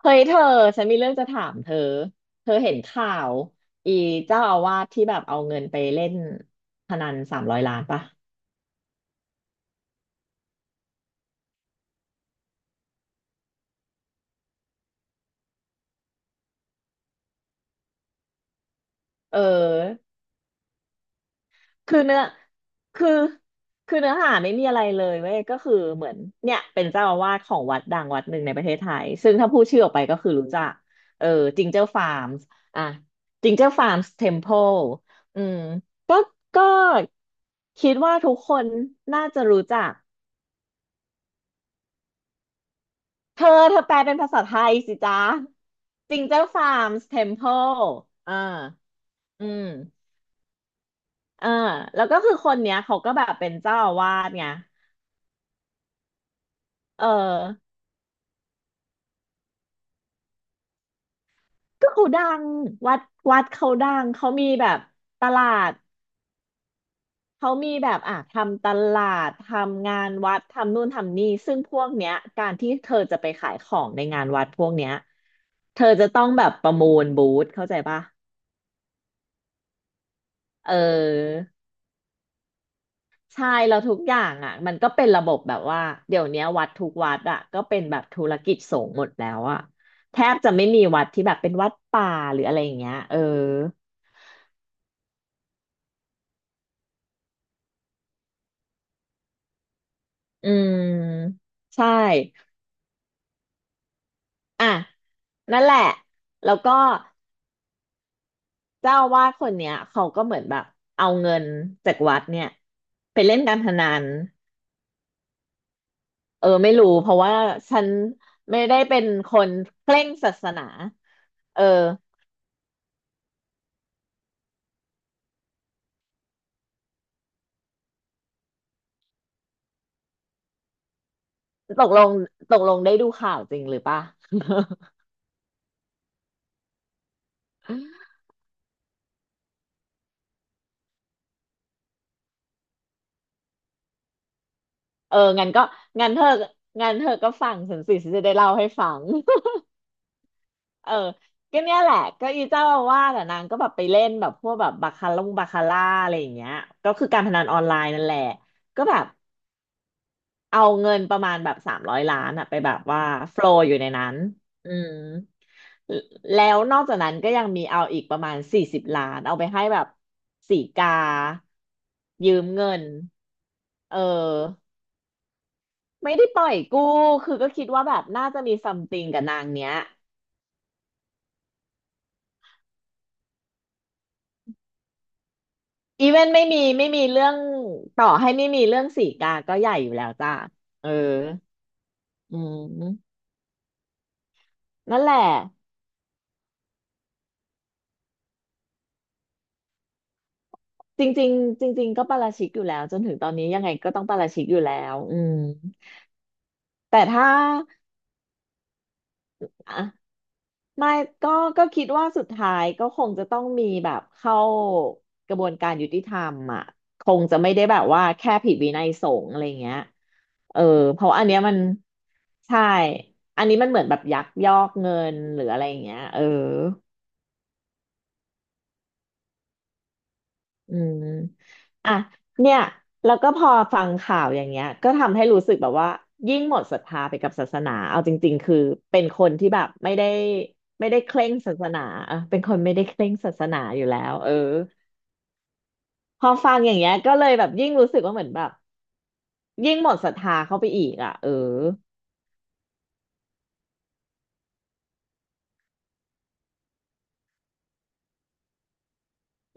เฮ้ยเธอฉันมีเรื่องจะถามเธอเธอเห็นข่าวอีเจ้าอาวาสที่แบบเอาเงินไปเล่นพนันสามร้อยล้านปะเออคือเนื้อคือคือเนื้อหาไม่มีอะไรเลยเว้ยก็คือเหมือนเนี่ยเป็นเจ้าอาวาสของวัดดังวัดหนึ่งในประเทศไทยซึ่งถ้าพูดชื่อออกไปก็คือรู้จักเออจิงเจอร์ฟาร์มส์อ่ะจิงเจอร์ฟาร์มส์เทมเพลอืมก็ก็คิดว่าทุกคนน่าจะรู้จัก เธอแปลเป็นภาษาไทยสิจ๊ะจิงเจ้าฟาร์มเทมเพอ่าอืมเอ่แล้วก็คือคนเนี้ยเขาก็แบบเป็นเจ้าอาวาสไงเออก็เขาดังวัดวัดเขาดังเขามีแบบตลาดเขามีแบบอ่ะทำตลาดทำงานวัดทำนู่นทำนี่ซึ่งพวกเนี้ยการที่เธอจะไปขายของในงานวัดพวกเนี้ยเธอจะต้องแบบประมูลบูธเข้าใจปะเออ ใช่แล้วทุกอย่างอ่ะมันก็เป็นระบบแบบว่าเดี๋ยวเนี้ยวัดทุกวัดอ่ะก็เป็นแบบธุรกิจสงฆ์หมดแล้วอ่ะแทบจะไม่มีวัดที่แบบเป็นวัดป่าหรืออะไรอย่างเงี้ยเอออืมใช่อ่ะนั่นแหละแล้วก็เจ้าอาวาสคนเนี้ยเขาก็เหมือนแบบเอาเงินจากวัดเนี่ยไปเล่นการพนันเออไม่รู้เพราะว่าฉันไม่ได้เป็นคนเคร่งศาสนาเออตกลงตกลงได้ดูข่าวจริงหรือปะ เอองั้นก็งั้นเธองั้นเธอก็ฟังฉันสิฉันจะได้เล่าให้ฟัง เออก็เนี่ยแหละก็อีเจ้าอาว่าแต่ะนางก็แบบไปเล่นแบบพวกแบบบาคาร่งบาคาร่าอะไรอย่างเงี้ยก็คือการพนันออนไลน์นั่นแหละก็แบบเอาเงินประมาณแบบสามร้อยล้านอะไปแบบว่าโฟลว์อยู่ในนั้นอืมแล้วนอกจากนั้นก็ยังมีเอาอีกประมาณ40 ล้านเอาไปให้แบบสีกายืมเงินเออ ไม่ได้ปล่อยกู้คือก็คิดว่าแบบน่าจะมีซัมติงกับนางเนี้ยอีเวนไม่มีเรื่องต่อให้ไม่มีเรื่องสีกาก็ใหญ่อยู่แล้วจ้าเอออืมนั่นแหละจริงๆจริงๆก็ปาราชิกอยู่แล้วจนถึงตอนนี้ยังไงก็ต้องปาราชิกอยู่แล้วอืมแต่ถ้า ไม่ก็ก็คิดว่าสุดท้ายก็คงจะต้องมีแบบเข้ากระบวนการยุติธรรมอ่ะคงจะไม่ได้แบบว่าแค่ผิดวินัยสงฆ์อะไรเงี้ยเออเพราะอันเนี้ยมันใช่อันนี้มันเหมือนแบบยักยอกเงินหรืออะไรอย่างเงี้ยเออ อืมอ่ะเนี่ยแล้วก็พอฟังข่าวอย่างเงี้ยก็ทำให้รู้สึกแบบว่ายิ่งหมดศรัทธาไปกับศาสนาเอาจริงๆคือเป็นคนที่แบบไม่ได้เคร่งศาสนาเออเป็นคนไม่ได้เคร่งศาสนาอยู่แล้วเออพอฟังอย่างเงี้ยก็เลยแบบยิ่งรู้สึกว่าเหมือนแบบยิ่งหมดศรัทธาเข้าไปอีกอ่ะเออ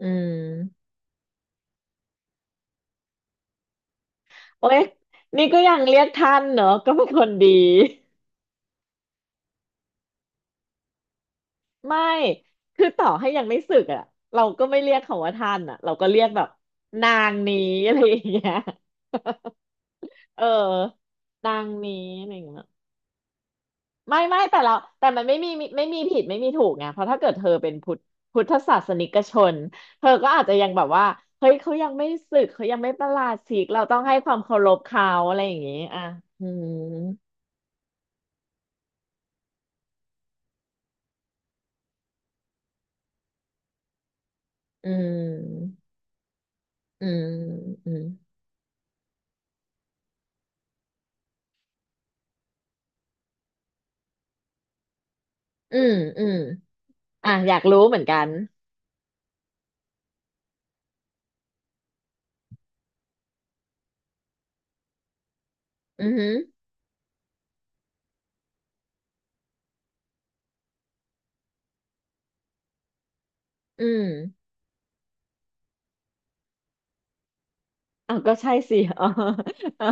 อืมโอ๊ยนี่ก็ยังเรียกท่านเนอะก็เป็นคนดี ไม่คือต่อให้ยังไม่สึกอ่ะเราก็ไม่เรียกเขาว่าท่านอ่ะเราก็เรียกแบบนางนี้ อะไรอย่างเงี้ย เออนางนี้อะไรอย่างเงี้ยไม่แต่เราแต่มันไม่มีไม่มีผิดไม่มีถูกไงเพราะถ้าเกิดเธอเป็นพุทธศาสนิกชนเธอก็อาจจะยังแบบว่าเฮ้ยเขายังไม่สึกเขายังไม่ประราชิกเราต้องให้ความเคารพเขาอะไรอย่างงี้อ่ะอืมอืมอืมอืมอืมอืมอ่ะอยากรู้เหมือนกันอือหึ อืมอ่ะก็ใช่สิอ๋ออ่ะ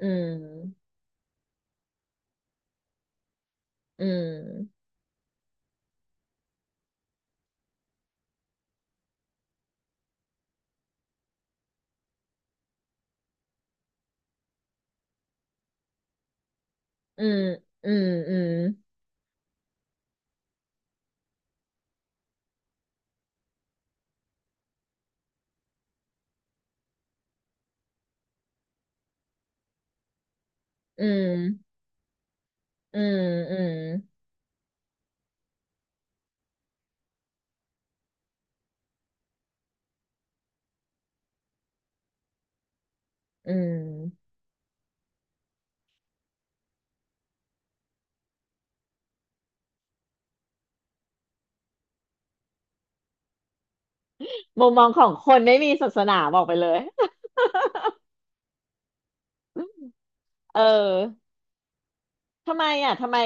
อืมอืมอืมอืมอืมอืมอืมอืมอืมมุมมองของคนไม่มีศาสนาบอกไปเลยเออทำไมอ่ะทำไม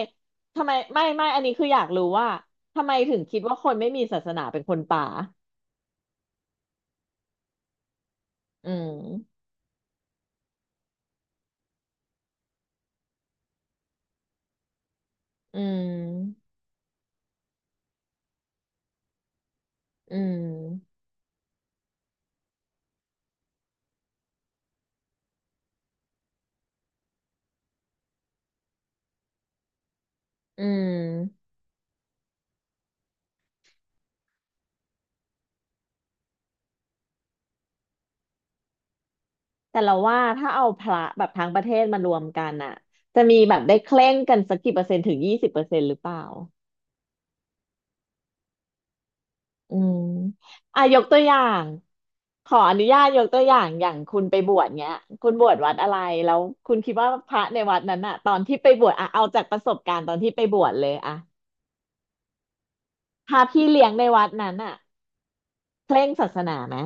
ทำไมไม่อันนี้คืออยากรู้ว่าทำไมถึงคิดว่าคนไม่มีศาสนาเป็นคนป่าอืมอืมอืมอืม แต่เราว่าถ้าเอาพระแบบทั้งประเทศมารวมกันอะจะมีแบบได้เคร่งกันสักกี่เปอร์เซ็นต์ถึง20%หรือเปล่าอืมอ่ะยกตัวอย่างขออนุญาตยกตัวอย่างอย่างคุณไปบวชเงี้ยคุณบวชวัดอะไรแล้วคุณคิดว่าพระในวัดนั้นอะตอนที่ไปบวชอะเอาจากประสบการณ์ตอนที่ไปบวชเลยอะพระพี่เลี้ยงในวัดนั้นอะเคร่งศาสนาไหม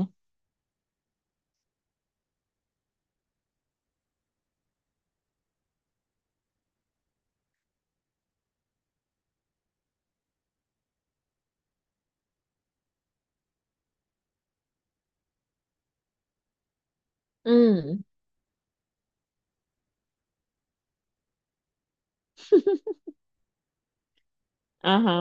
อืมอ่าฮะ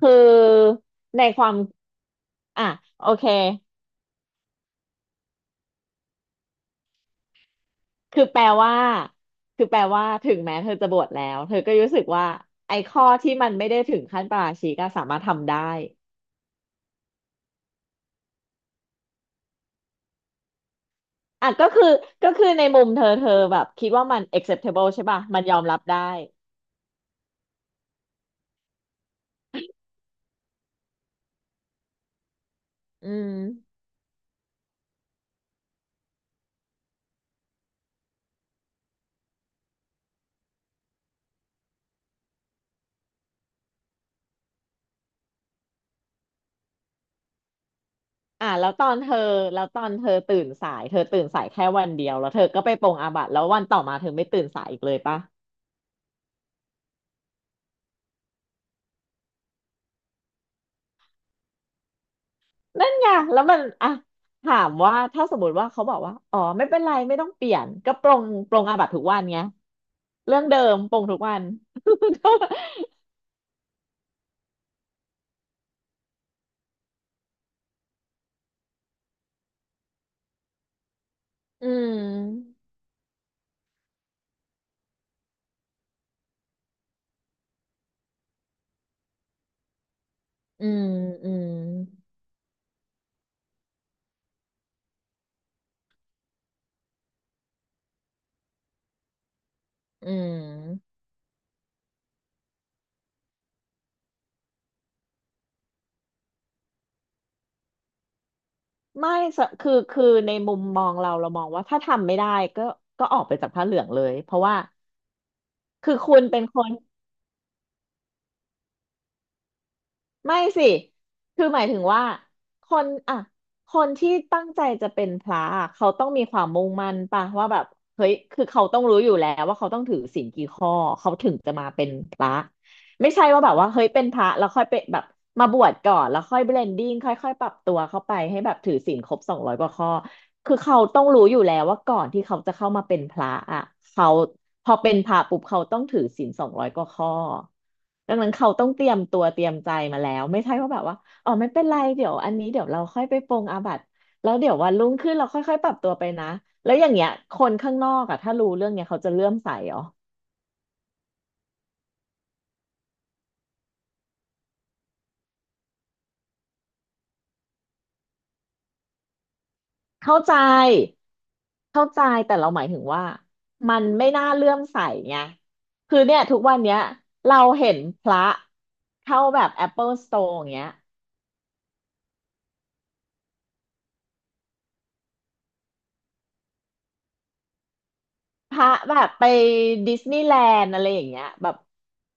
คือในความอ่ะโอเค คือแปลว่าคือแปลว่าถึงแม้เธอจะบวชแล้วเธอก็รู้สึกว่าไอ้ข้อที่มันไม่ได้ถึงขั้นปาราชิกก็สามารถทำได้อ่ะก็คือในมุมเธอเธอแบบคิดว่ามัน acceptable ใช่ป่ะมันยอมรับได้อืมอ่ะแล้วตอนเธอแล้วตอนเธอตื่นสายเธอตื่นสายแค่วันเดียวแล้วเธอก็ไปปรงอาบัติแล้ววันต่อมาเธอไม่ตื่นสายอีกเลยป่ะ นั่นไงแล้วมันอ่ะถามว่าถ้าสมมติว่าเขาบอกว่า อ๋อ ไม่เป็นไรไม่ต้องเปลี่ยนก็ปรงอาบัติทุกวันไงเรื่องเดิมปรงทุกวัน อืมอืมอืมอืมไม่สคือคือในมุมมองเราเรามองว่าถ้าทำไม่ได้ก็ก็ออกไปจากผ้าเหลืองเลยเพราะว่าคือคุณเป็นคน ไม่สิคือหมายถึงว่าคนอ่ะคนที่ตั้งใจจะเป็นพระอะเขาต้องมีความมุ่งมั่นป่ะว่าแบบเฮ้ยคือเขาต้องรู้อยู่แล้วว่าเขาต้องถือศีลกี่ข้อเขาถึงจะมาเป็นพระไม่ใช่ว่าแบบว่าเฮ้ยเป็นพระแล้วค่อยเป็นแบบมาบวชก่อนแล้วค่อยเบลนดิ้งค่อยๆปรับตัวเข้าไปให้แบบถือศีลครบสองร้อยกว่าข้อ คือเขาต้องรู้อยู่แล้วว่าก่อนที่เขาจะเข้ามาเป็นพระอ่ะเขาพอเป็นพระปุ๊บเขาต้องถือศีลสองร้อยกว่าข้อดังนั้นเขาต้องเตรียมตัวเตรียมใจมาแล้วไม่ใช่ว่าแบบว่าอ๋อไม่เป็นไรเดี๋ยวอันนี้เดี๋ยวเราค่อยไปปรงอาบัติแล้วเดี๋ยววันรุ่งขึ้นเราค่อยๆปรับตัวไปนะแล้วอย่างเงี้ยคนข้างนอกอ่ะถ้ารู้เรื่องเนี้ยเขาจะเลื่อมใสเหรอ เข้าใจเข้าใจแต่เราหมายถึงว่ามันไม่น่าเลื่อมใสไงคือเนี่ยทุกวันเนี้ยเราเห็นพระเข้าแบบ Apple Store อย่างเงี้ยพระแบบไปดิสนีย์แลนด์อะไรอย่างเงี้ยแบบ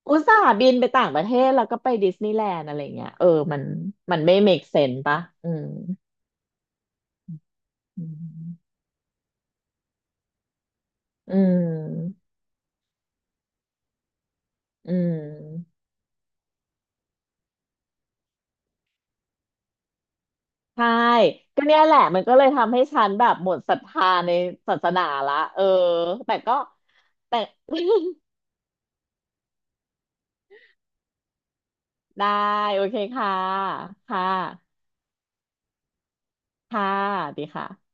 อุตส่าห์บินไปต่างประเทศแล้วก็ไปดิสนีย์แลนด์อะไรอย่างเงี้ยเออมันมันไม่ make sense ปะอืมอืมอืมอืม ใช่ก็เนี่ยแหละมันก็เลยทำให้ฉันแบบหมดศรัทธาในศาสนาละเออแต่ก็แต่ ได้โอเคค่ะค่ะค่ะสวัสดีค่ะ